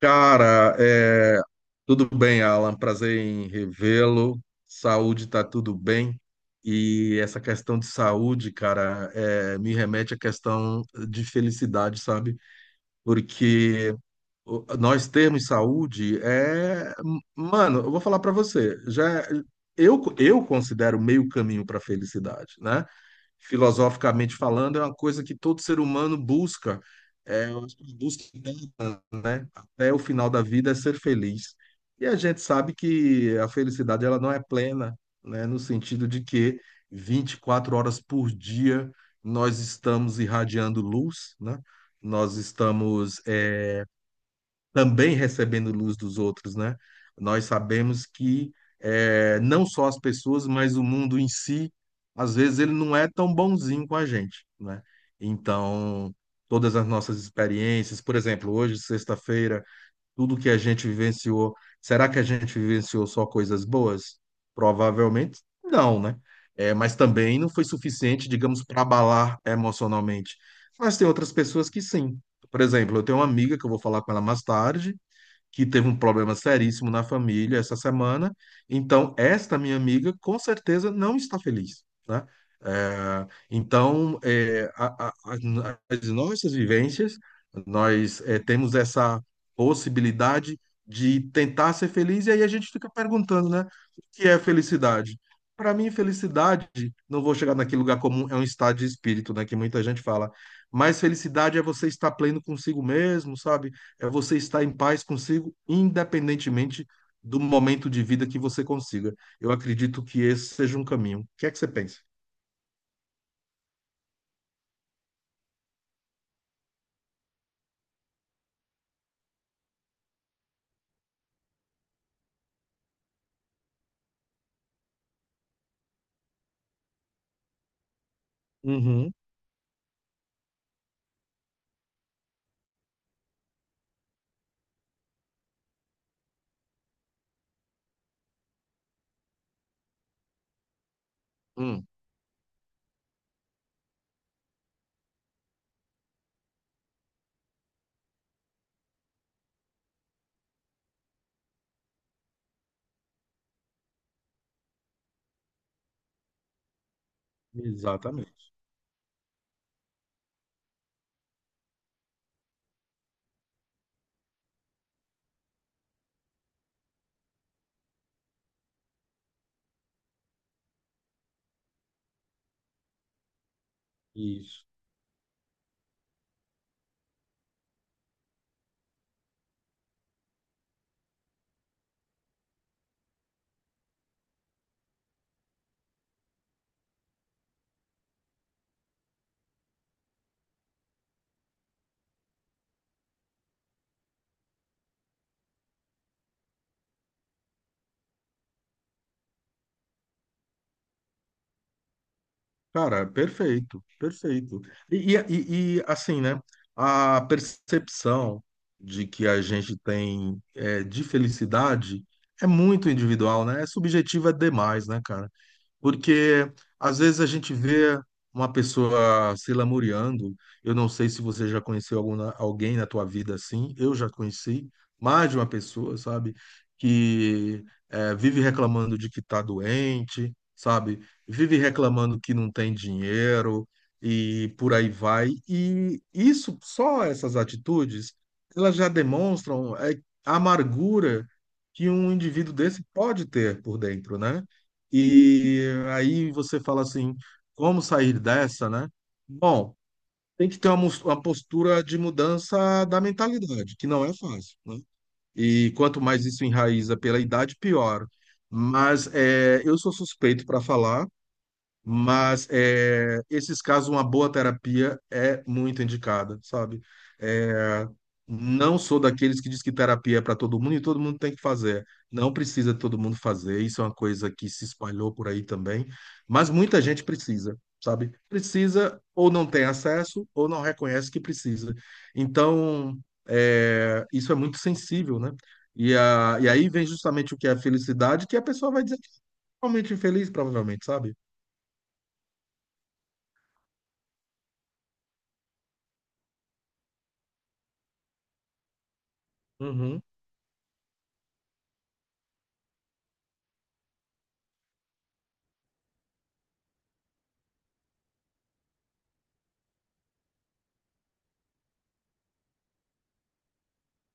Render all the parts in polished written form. Cara, tudo bem, Alan. Prazer em revê-lo. Saúde tá tudo bem. E essa questão de saúde, cara, me remete à questão de felicidade, sabe? Porque nós termos saúde mano, eu vou falar pra você, já eu considero meio caminho para felicidade, né? Filosoficamente falando, é uma coisa que todo ser humano busca, eu acho que busca, né? Até o final da vida é ser feliz. E a gente sabe que a felicidade ela não é plena, né? No sentido de que 24 horas por dia nós estamos irradiando luz, né? Nós estamos também recebendo luz dos outros, né? Nós sabemos que não só as pessoas, mas o mundo em si, às vezes ele não é tão bonzinho com a gente, né? Então, todas as nossas experiências, por exemplo, hoje, sexta-feira. Tudo que a gente vivenciou, será que a gente vivenciou só coisas boas? Provavelmente não, né? É, mas também não foi suficiente, digamos, para abalar emocionalmente. Mas tem outras pessoas que sim. Por exemplo, eu tenho uma amiga que eu vou falar com ela mais tarde, que teve um problema seríssimo na família essa semana. Então, esta minha amiga, com certeza, não está feliz, né? É, então, as nossas vivências, nós temos essa possibilidade de tentar ser feliz, e aí a gente fica perguntando, né? O que é felicidade? Para mim, felicidade, não vou chegar naquele lugar comum, é um estado de espírito, né? Que muita gente fala. Mas felicidade é você estar pleno consigo mesmo, sabe? É você estar em paz consigo, independentemente do momento de vida que você consiga. Eu acredito que esse seja um caminho. O que é que você pensa? Uhum. Hum, exatamente. Isso. Cara, perfeito, perfeito. E, assim, né? A percepção de que a gente tem de felicidade é muito individual, né? É subjetiva demais, né, cara? Porque às vezes a gente vê uma pessoa se lamuriando. Eu não sei se você já conheceu alguma, alguém na tua vida assim. Eu já conheci mais de uma pessoa, sabe? Que vive reclamando de que está doente, sabe? Vive reclamando que não tem dinheiro e por aí vai. E isso, só essas atitudes, elas já demonstram a amargura que um indivíduo desse pode ter por dentro, né? E aí você fala assim, como sair dessa, né? Bom, tem que ter uma postura de mudança da mentalidade, que não é fácil, né? E quanto mais isso enraiza pela idade, pior. Mas eu sou suspeito para falar, mas esses casos, uma boa terapia é muito indicada, sabe? É, não sou daqueles que diz que terapia é para todo mundo e todo mundo tem que fazer. Não precisa todo mundo fazer, isso é uma coisa que se espalhou por aí também. Mas muita gente precisa, sabe? Precisa ou não tem acesso ou não reconhece que precisa. Então, isso é muito sensível, né? E aí vem justamente o que é a felicidade, que a pessoa vai dizer que é realmente infeliz, provavelmente, sabe? Uhum.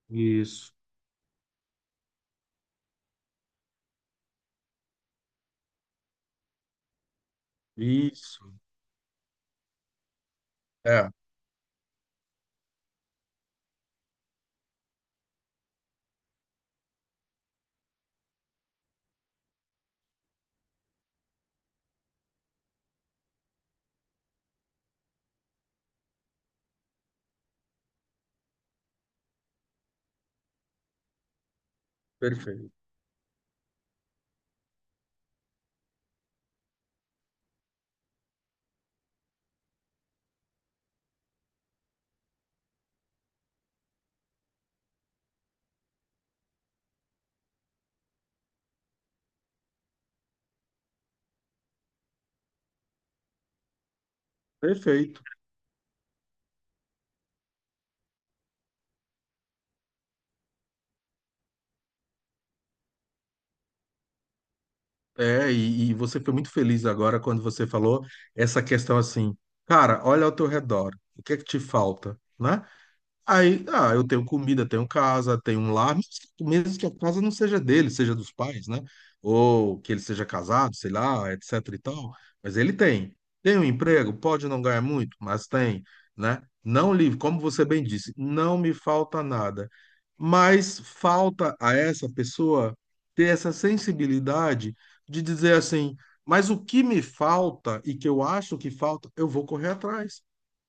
Isso, isso. É, perfeito. Perfeito. É, e você foi muito feliz agora quando você falou essa questão assim, cara, olha ao teu redor, o que é que te falta, né? Aí, ah, eu tenho comida, tenho casa, tenho um lar, mesmo que a casa não seja dele, seja dos pais, né? Ou que ele seja casado, sei lá, etc e tal. Mas ele tem. Tem um emprego, pode não ganhar muito, mas tem, né? Não livre, como você bem disse, não me falta nada. Mas falta a essa pessoa ter essa sensibilidade de dizer assim, mas o que me falta e que eu acho que falta, eu vou correr atrás,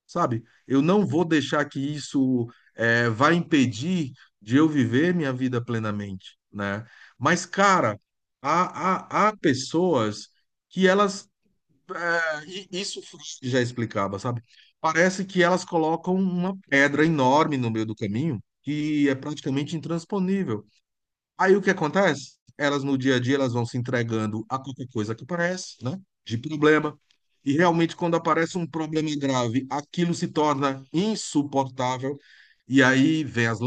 sabe? Eu não vou deixar que isso vá impedir de eu viver minha vida plenamente, né? Mas, cara, há pessoas que elas. eh, e isso Freud já explicava, sabe? Parece que elas colocam uma pedra enorme no meio do caminho que é praticamente intransponível. Aí o que acontece? Elas no dia a dia elas vão se entregando a qualquer coisa que aparece, né? De problema. E realmente quando aparece um problema grave, aquilo se torna insuportável. E aí vem as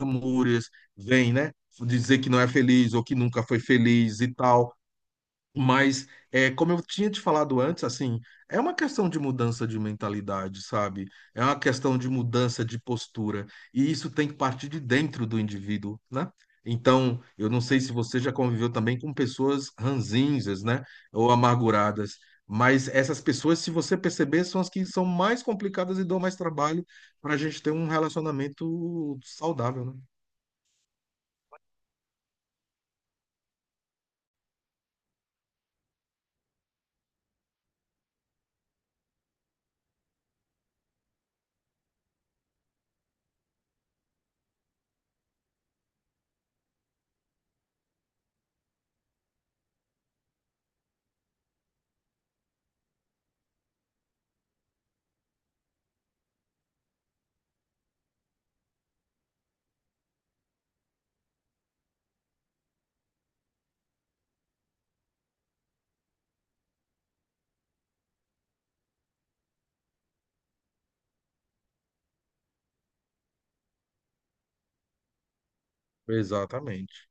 lamúrias, vem, né? Dizer que não é feliz ou que nunca foi feliz e tal. Mas, como eu tinha te falado antes, assim, é uma questão de mudança de mentalidade, sabe? É uma questão de mudança de postura. E isso tem que partir de dentro do indivíduo, né? Então, eu não sei se você já conviveu também com pessoas ranzinhas, né? Ou amarguradas. Mas essas pessoas, se você perceber, são as que são mais complicadas e dão mais trabalho para a gente ter um relacionamento saudável, né? Exatamente.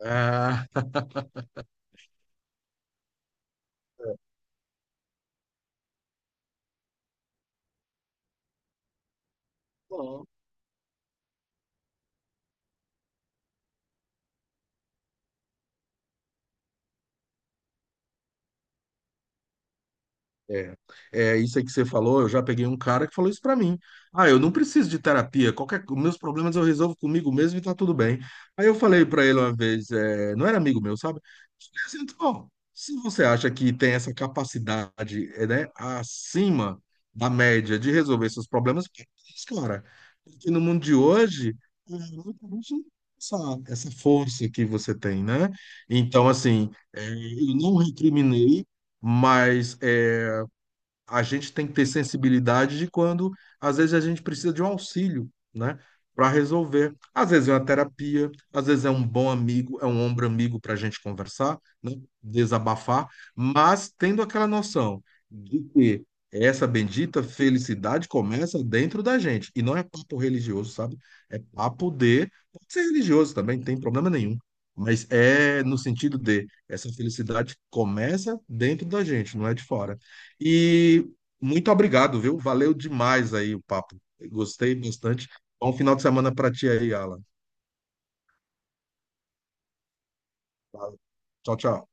Ah, É, é, isso aí que você falou. Eu já peguei um cara que falou isso pra mim. Ah, eu não preciso de terapia. Qualquer, os meus problemas eu resolvo comigo mesmo e tá tudo bem. Aí eu falei pra ele uma vez, não era amigo meu, sabe? Eu falei assim, Então, se você acha que tem essa capacidade, né, acima da média de resolver seus problemas, por que isso, cara, porque no mundo de hoje, muita gente não tem essa, essa força que você tem, né? Então, assim, eu não recriminei, mas a gente tem que ter sensibilidade de quando, às vezes, a gente precisa de um auxílio, né? Para resolver. Às vezes é uma terapia, às vezes é um bom amigo, é um ombro amigo para a gente conversar, né? Desabafar, mas tendo aquela noção de que essa bendita felicidade começa dentro da gente. E não é papo religioso, sabe? É papo de. Pode ser religioso também, não tem problema nenhum. Mas é no sentido de essa felicidade começa dentro da gente, não é de fora. E muito obrigado, viu? Valeu demais aí o papo. Gostei bastante. Bom final de semana para ti aí, Alan. Tchau, tchau.